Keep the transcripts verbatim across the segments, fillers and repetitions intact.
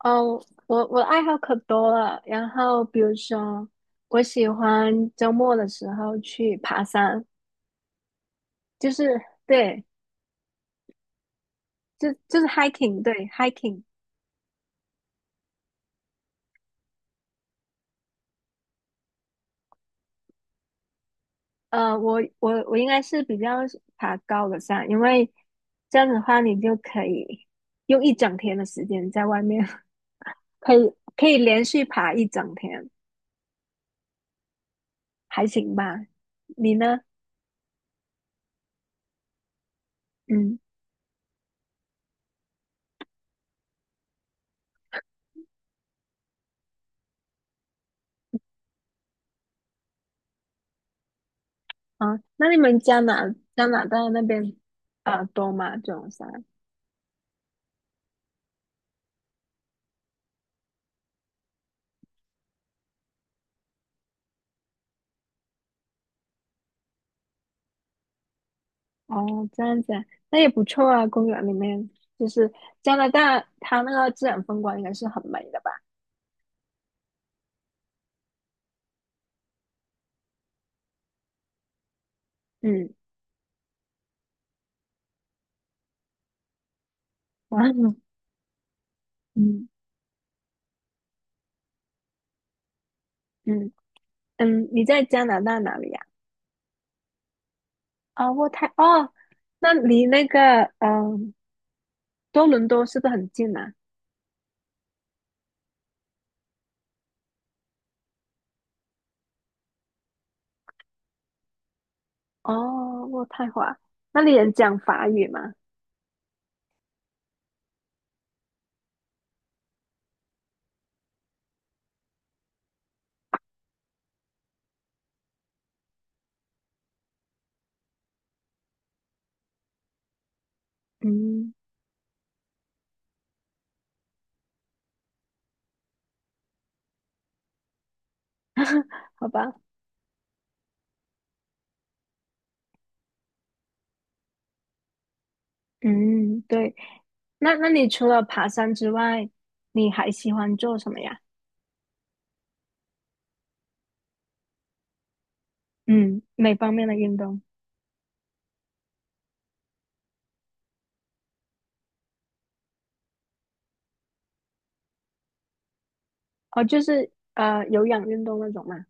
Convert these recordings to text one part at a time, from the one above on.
哦，我我的爱好可多了，然后比如说，我喜欢周末的时候去爬山，就是对，就就是 hiking，对 hiking。呃，我我我应该是比较喜爬高的山，因为这样子的话，你就可以用一整天的时间在外面，可以可以连续爬一整天，还行吧？你呢？嗯，啊，那你们加拿加拿大那边啊多吗？这种山？哦，这样子啊，那也不错啊。公园里面就是加拿大，它那个自然风光应该是很美的吧？嗯 然嗯嗯嗯，你在加拿大哪里呀？哦，渥太哦，那离那个嗯、多伦多是不是很近啊？哦，渥太华，那里人讲法语吗？嗯，好吧，嗯，对。那那你除了爬山之外，你还喜欢做什么呀？嗯，哪方面的运动？哦，就是呃有氧运动那种嘛。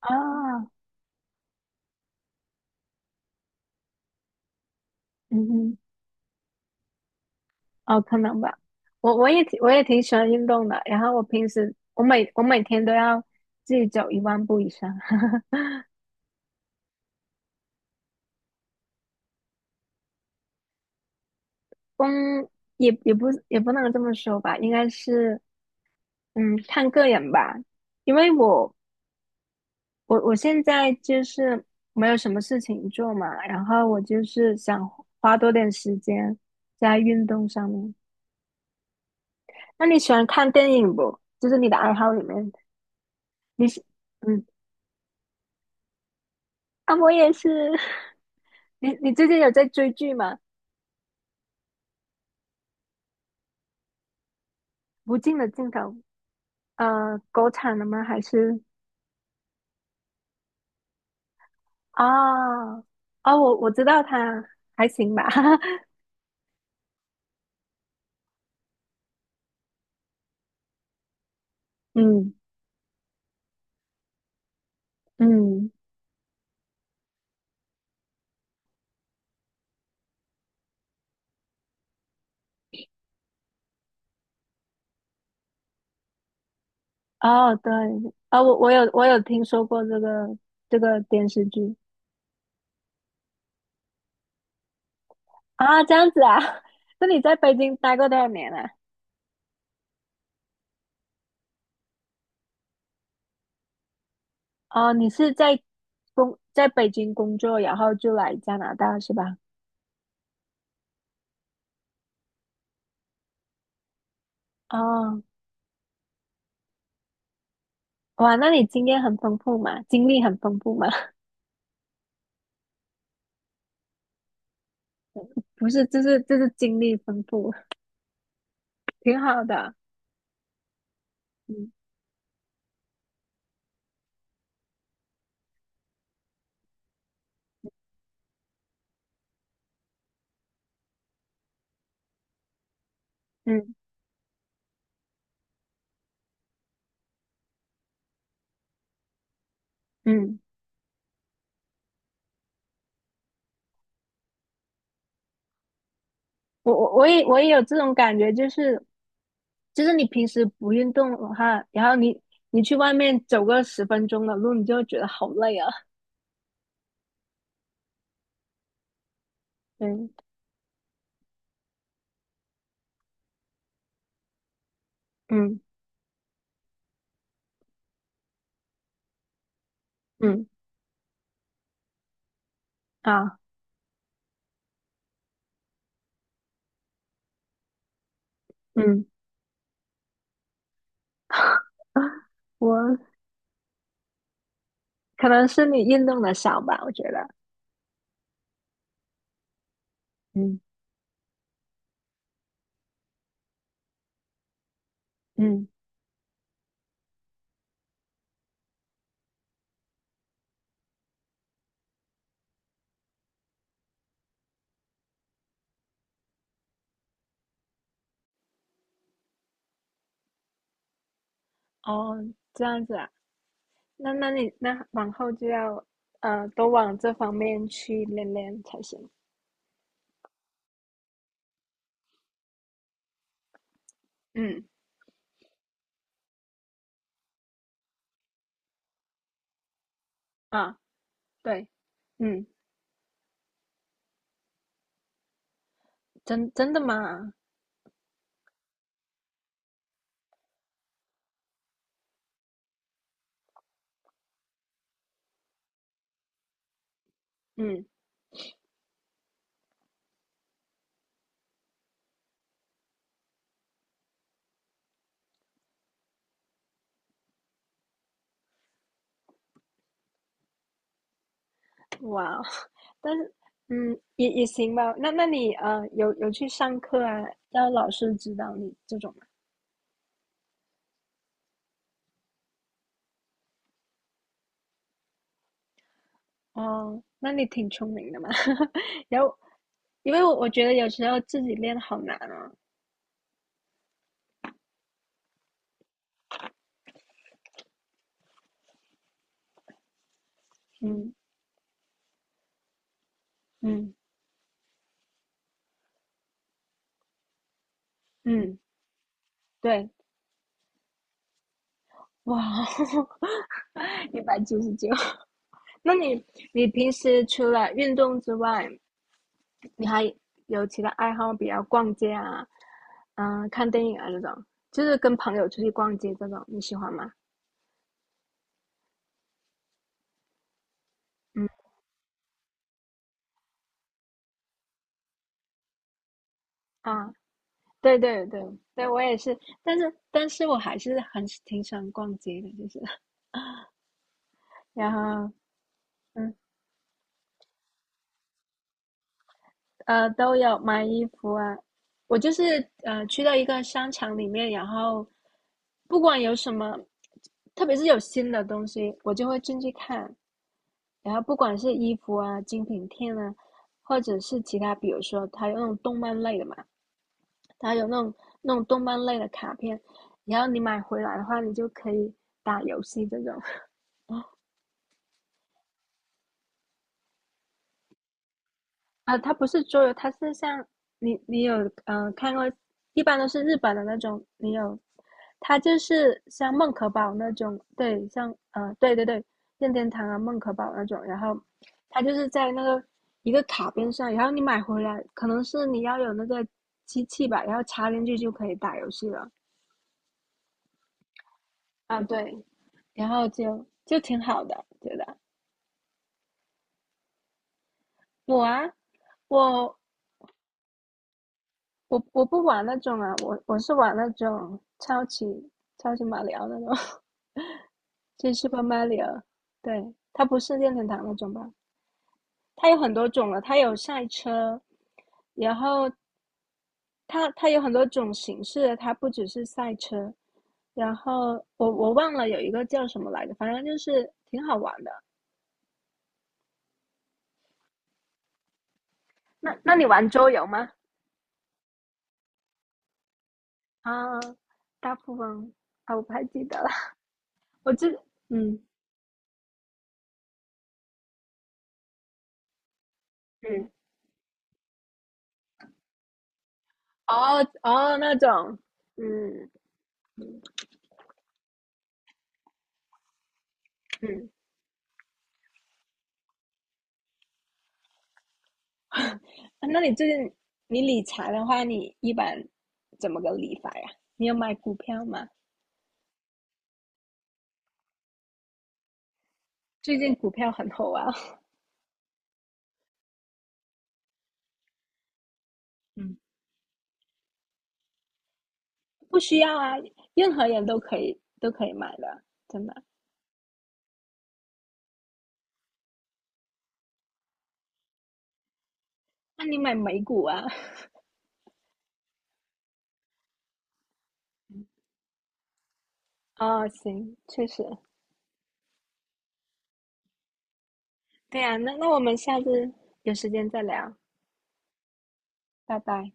啊，嗯哼，哦，可能吧。我我也挺我也挺喜欢运动的，然后我平时我每我每天都要自己走一万步以上。嗯，也也不也不能这么说吧，应该是嗯看个人吧，因为我我我现在就是没有什么事情做嘛，然后我就是想花多点时间在运动上面。那你喜欢看电影不？就是你的爱好里面。你是嗯啊，我也是。你你最近有在追剧吗？无尽的尽头，呃，国产的吗？还是啊啊，我我知道它还行吧。嗯嗯，哦对，啊、我我有我有听说过这个这个电视剧啊，这样子啊。那你在北京待过多少年啊？哦，你是在工在北京工作，然后就来加拿大是吧？哦，哇，那你经验很丰富嘛，经历很丰富嘛。不是，就是就是精力丰富，挺好的啊。嗯嗯嗯，我我我也我也有这种感觉，就是就是你平时不运动的话，然后你你去外面走个十分钟的路，你就会觉得好累啊。嗯嗯嗯啊嗯，我可能是你运动的少吧，我觉得。嗯嗯，哦，这样子啊，那那你那往后就要呃多往这方面去练练才行。嗯啊。对，嗯，真真的吗？嗯，哇哦但是，嗯，也也行吧。那那你呃，有有去上课啊？让老师指导你这种吗？哦，那你挺聪明的嘛。然后，因为我我觉得有时候自己练好难啊。嗯嗯嗯，对，哇哦 一百九十九。那你你平时除了运动之外，你还有其他爱好比如逛街啊，嗯、看电影啊这种，就是跟朋友出去逛街这种，你喜欢吗？嗯啊，对对对对，我也是，但是但是我还是很挺喜欢逛街的，就是 然后嗯呃都有买衣服啊，我就是呃去到一个商场里面，然后不管有什么，特别是有新的东西，我就会进去看，然后不管是衣服啊、精品店啊，或者是其他，比如说它有那种动漫类的嘛，它有那种那种动漫类的卡片，然后你买回来的话，你就可以打游戏这种。啊，它不是桌游，它是像你你有呃看过，一般都是日本的那种，你有，它就是像梦可宝那种，对，像呃对对对，任天堂啊梦可宝那种，然后它就是在那个一个卡边上，然后你买回来，可能是你要有那个机器吧，然后插进去就可以打游戏了啊，对，然后就就挺好的，觉得我啊我我我不玩那种啊，我我是玩那种超级超级马里奥那种，就是 Super Mario。对，它不是任天堂那种吧？它有很多种了，它有赛车，然后它它有很多种形式的它不只是赛车。然后我我忘了有一个叫什么来着，反正就是挺好玩的。那那你玩桌游吗？啊，大富翁啊，我不太记得了。我记，嗯嗯，哦哦，那种，嗯嗯。啊那你最近你理财的话，你一般怎么个理法呀？你有买股票吗？最近股票很火啊，嗯，不需要啊，任何人都可以都可以买的，真的。那你买美股啊？哦，行，确实，对啊，那那我们下次有时间再聊，拜拜。